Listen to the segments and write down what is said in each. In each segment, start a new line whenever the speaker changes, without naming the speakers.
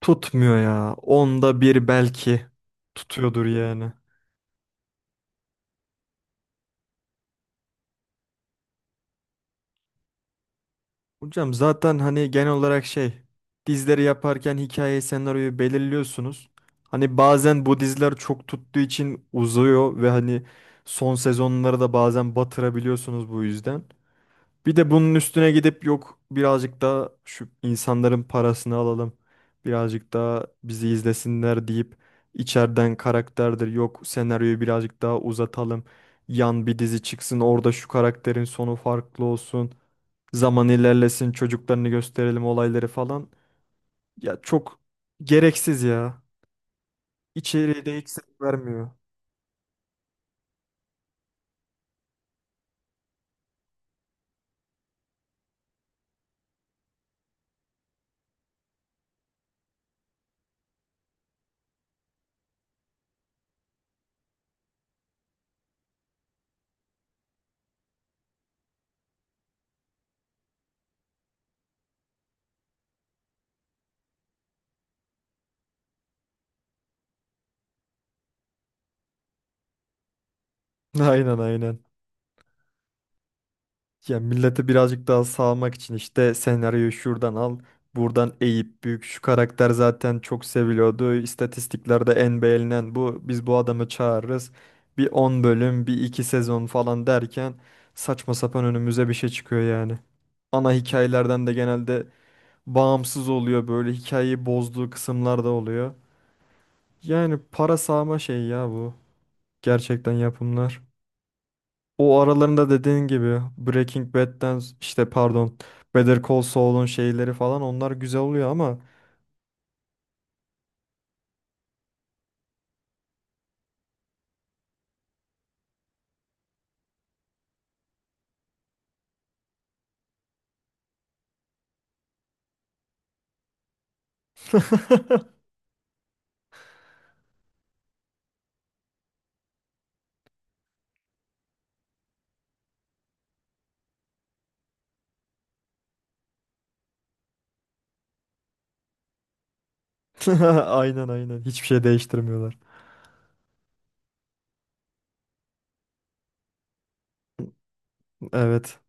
Tutmuyor ya. Onda bir belki tutuyordur yani. Hocam zaten hani genel olarak şey dizileri yaparken hikayeyi senaryoyu belirliyorsunuz. Hani bazen bu diziler çok tuttuğu için uzuyor ve hani son sezonları da bazen batırabiliyorsunuz bu yüzden. Bir de bunun üstüne gidip yok birazcık daha şu insanların parasını alalım. Birazcık daha bizi izlesinler deyip içeriden karakterdir yok senaryoyu birazcık daha uzatalım. Yan bir dizi çıksın orada şu karakterin sonu farklı olsun. Zaman ilerlesin çocuklarını gösterelim olayları falan. Ya çok gereksiz ya. İçeriği de hiç zevk vermiyor. Aynen, aynen. Ya millete birazcık daha sağlamak için işte senaryoyu şuradan al, buradan eğip büyük şu karakter zaten çok seviliyordu. İstatistiklerde en beğenilen bu. Biz bu adamı çağırırız. Bir 10 bölüm, bir 2 sezon falan derken saçma sapan önümüze bir şey çıkıyor yani. Ana hikayelerden de genelde bağımsız oluyor, böyle hikayeyi bozduğu kısımlar da oluyor. Yani para sağma şey ya bu. Gerçekten yapımlar. O aralarında dediğin gibi Breaking Bad'den, işte pardon, Better Call Saul'un şeyleri falan onlar güzel oluyor ama aynen, aynen, hiçbir şey değiştirmiyorlar. Evet.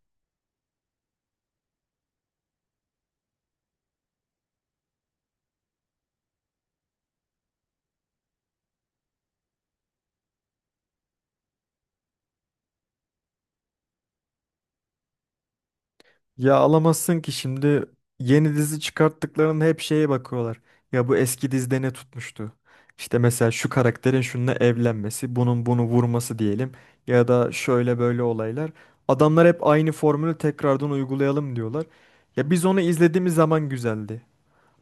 Ya alamazsın ki, şimdi yeni dizi çıkarttıklarının hep şeye bakıyorlar. Ya bu eski dizide ne tutmuştu? İşte mesela şu karakterin şununla evlenmesi, bunun bunu vurması diyelim ya da şöyle böyle olaylar. Adamlar hep aynı formülü tekrardan uygulayalım diyorlar. Ya biz onu izlediğimiz zaman güzeldi.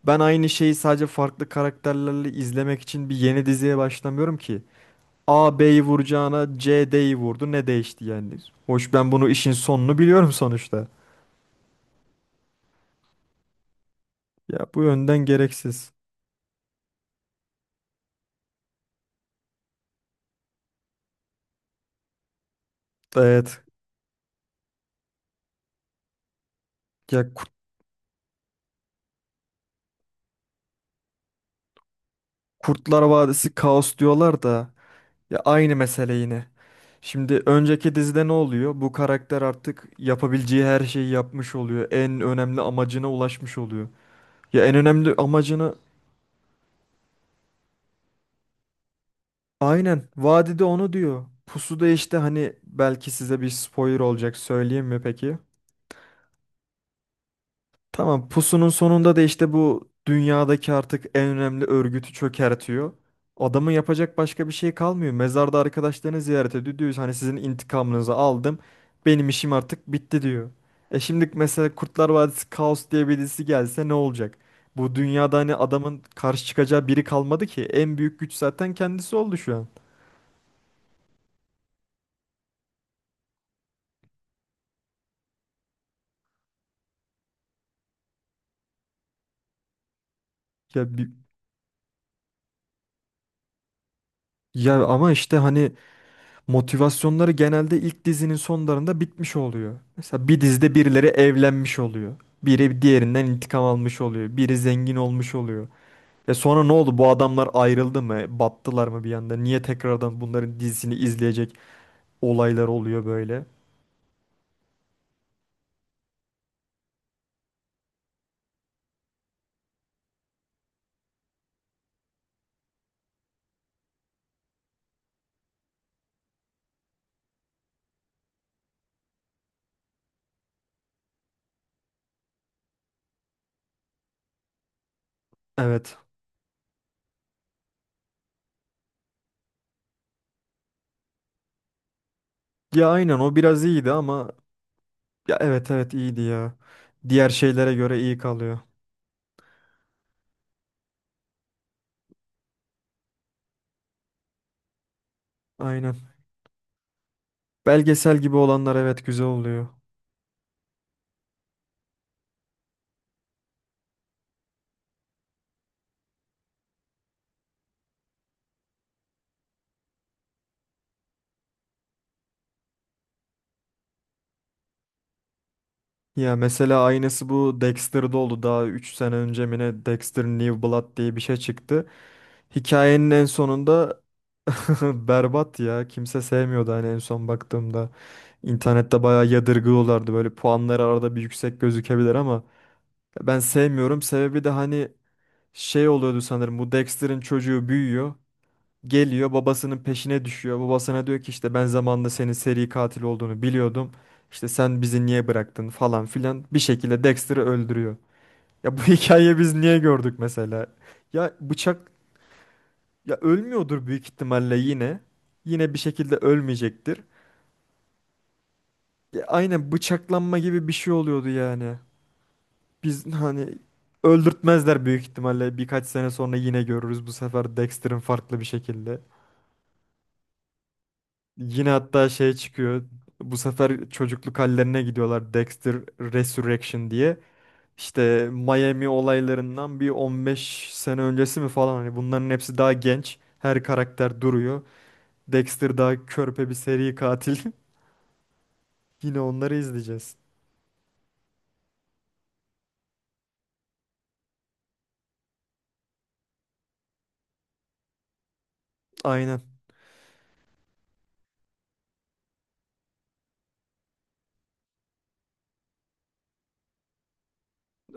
Ben aynı şeyi sadece farklı karakterlerle izlemek için bir yeni diziye başlamıyorum ki. A B'yi vuracağına C D'yi vurdu. Ne değişti yani? Hoş ben bunu, işin sonunu biliyorum sonuçta. Ya bu yönden gereksiz. Evet. Ya Kurt- Kurtlar Vadisi kaos diyorlar da ya aynı mesele yine. Şimdi önceki dizide ne oluyor? Bu karakter artık yapabileceği her şeyi yapmış oluyor. En önemli amacına ulaşmış oluyor. Ya en önemli amacını. Aynen. Vadide onu diyor. Pusu'da, işte hani belki size bir spoiler olacak, söyleyeyim mi peki? Tamam, Pusu'nun sonunda da işte bu dünyadaki artık en önemli örgütü çökertiyor. Adamın yapacak başka bir şey kalmıyor. Mezarda arkadaşlarını ziyaret ediyor. Diyor hani sizin intikamınızı aldım. Benim işim artık bitti diyor. E şimdi mesela Kurtlar Vadisi Kaos diye birisi gelse ne olacak? Bu dünyada hani adamın karşı çıkacağı biri kalmadı ki. En büyük güç zaten kendisi oldu şu an. Ya bi- Ya ama işte hani motivasyonları genelde ilk dizinin sonlarında bitmiş oluyor. Mesela bir dizide birileri evlenmiş oluyor. Biri diğerinden intikam almış oluyor. Biri zengin olmuş oluyor. E sonra ne oldu? Bu adamlar ayrıldı mı? Battılar mı bir anda? Niye tekrardan bunların dizisini izleyecek olaylar oluyor böyle? Evet. Ya aynen o biraz iyiydi ama ya evet, evet, iyiydi ya. Diğer şeylere göre iyi kalıyor. Aynen. Belgesel gibi olanlar evet güzel oluyor. Ya mesela aynısı bu Dexter'da oldu. Daha 3 sene önce mi ne, Dexter New Blood diye bir şey çıktı. Hikayenin en sonunda berbat ya. Kimse sevmiyordu hani en son baktığımda. İnternette bayağı yadırgıyorlardı. Böyle puanları arada bir yüksek gözükebilir ama ben sevmiyorum. Sebebi de hani şey oluyordu sanırım. Bu Dexter'ın çocuğu büyüyor. Geliyor babasının peşine düşüyor. Babasına diyor ki işte ben zamanında senin seri katil olduğunu biliyordum. İşte sen bizi niye bıraktın falan filan. Bir şekilde Dexter'ı öldürüyor. Ya bu hikayeyi biz niye gördük mesela? Ya bıçak ya ölmüyordur büyük ihtimalle yine. Yine bir şekilde ölmeyecektir. Ya aynen bıçaklanma gibi bir şey oluyordu yani. Biz hani öldürtmezler büyük ihtimalle. Birkaç sene sonra yine görürüz bu sefer Dexter'ın farklı bir şekilde. Yine hatta şey çıkıyor. Bu sefer çocukluk hallerine gidiyorlar. Dexter Resurrection diye. İşte Miami olaylarından bir 15 sene öncesi mi falan. Hani bunların hepsi daha genç. Her karakter duruyor. Dexter daha körpe bir seri katil. Yine onları izleyeceğiz. Aynen.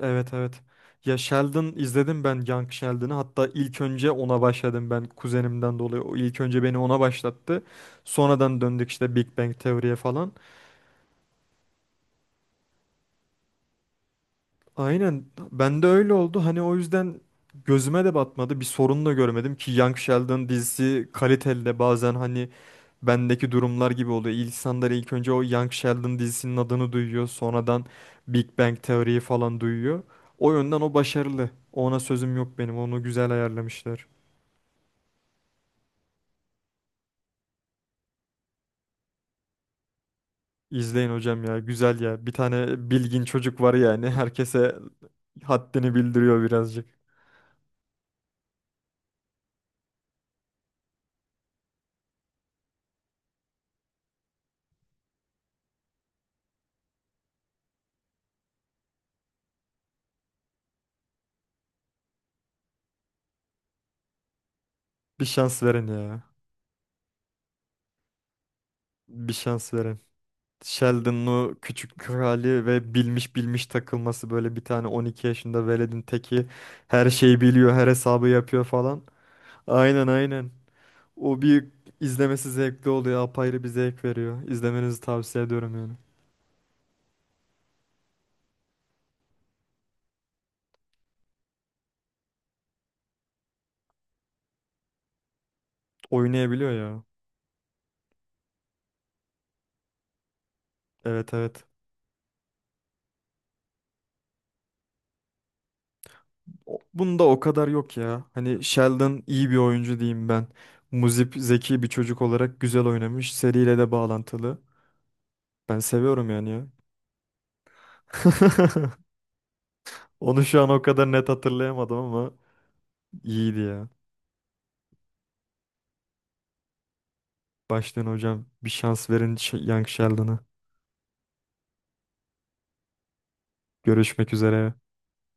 Evet, evet. Ya Sheldon izledim ben, Young Sheldon'ı. Hatta ilk önce ona başladım ben kuzenimden dolayı. O ilk önce beni ona başlattı. Sonradan döndük işte Big Bang Teori'ye falan. Aynen. Ben de öyle oldu. Hani o yüzden gözüme de batmadı. Bir sorun da görmedim ki, Young Sheldon dizisi kaliteli de bazen hani bendeki durumlar gibi oluyor. İnsanlar ilk önce o Young Sheldon dizisinin adını duyuyor. Sonradan Big Bang teoriyi falan duyuyor. O yönden o başarılı. Ona sözüm yok benim. Onu güzel ayarlamışlar. İzleyin hocam ya. Güzel ya. Bir tane bilgin çocuk var yani. Herkese haddini bildiriyor birazcık. Bir şans verin ya. Bir şans verin. Sheldon'lu küçük krali ve bilmiş bilmiş takılması, böyle bir tane 12 yaşında veledin teki her şeyi biliyor, her hesabı yapıyor falan. Aynen, aynen. O bir izlemesi zevkli oluyor, apayrı bir zevk veriyor. İzlemenizi tavsiye ediyorum yani. Oynayabiliyor ya. Evet, evet. Bunda o kadar yok ya. Hani Sheldon iyi bir oyuncu diyeyim ben. Muzip zeki bir çocuk olarak güzel oynamış. Seriyle de bağlantılı. Ben seviyorum yani ya. Onu şu an o kadar net hatırlayamadım ama İyiydi ya. Baştan hocam bir şans verin Young Sheldon'a. Görüşmek üzere.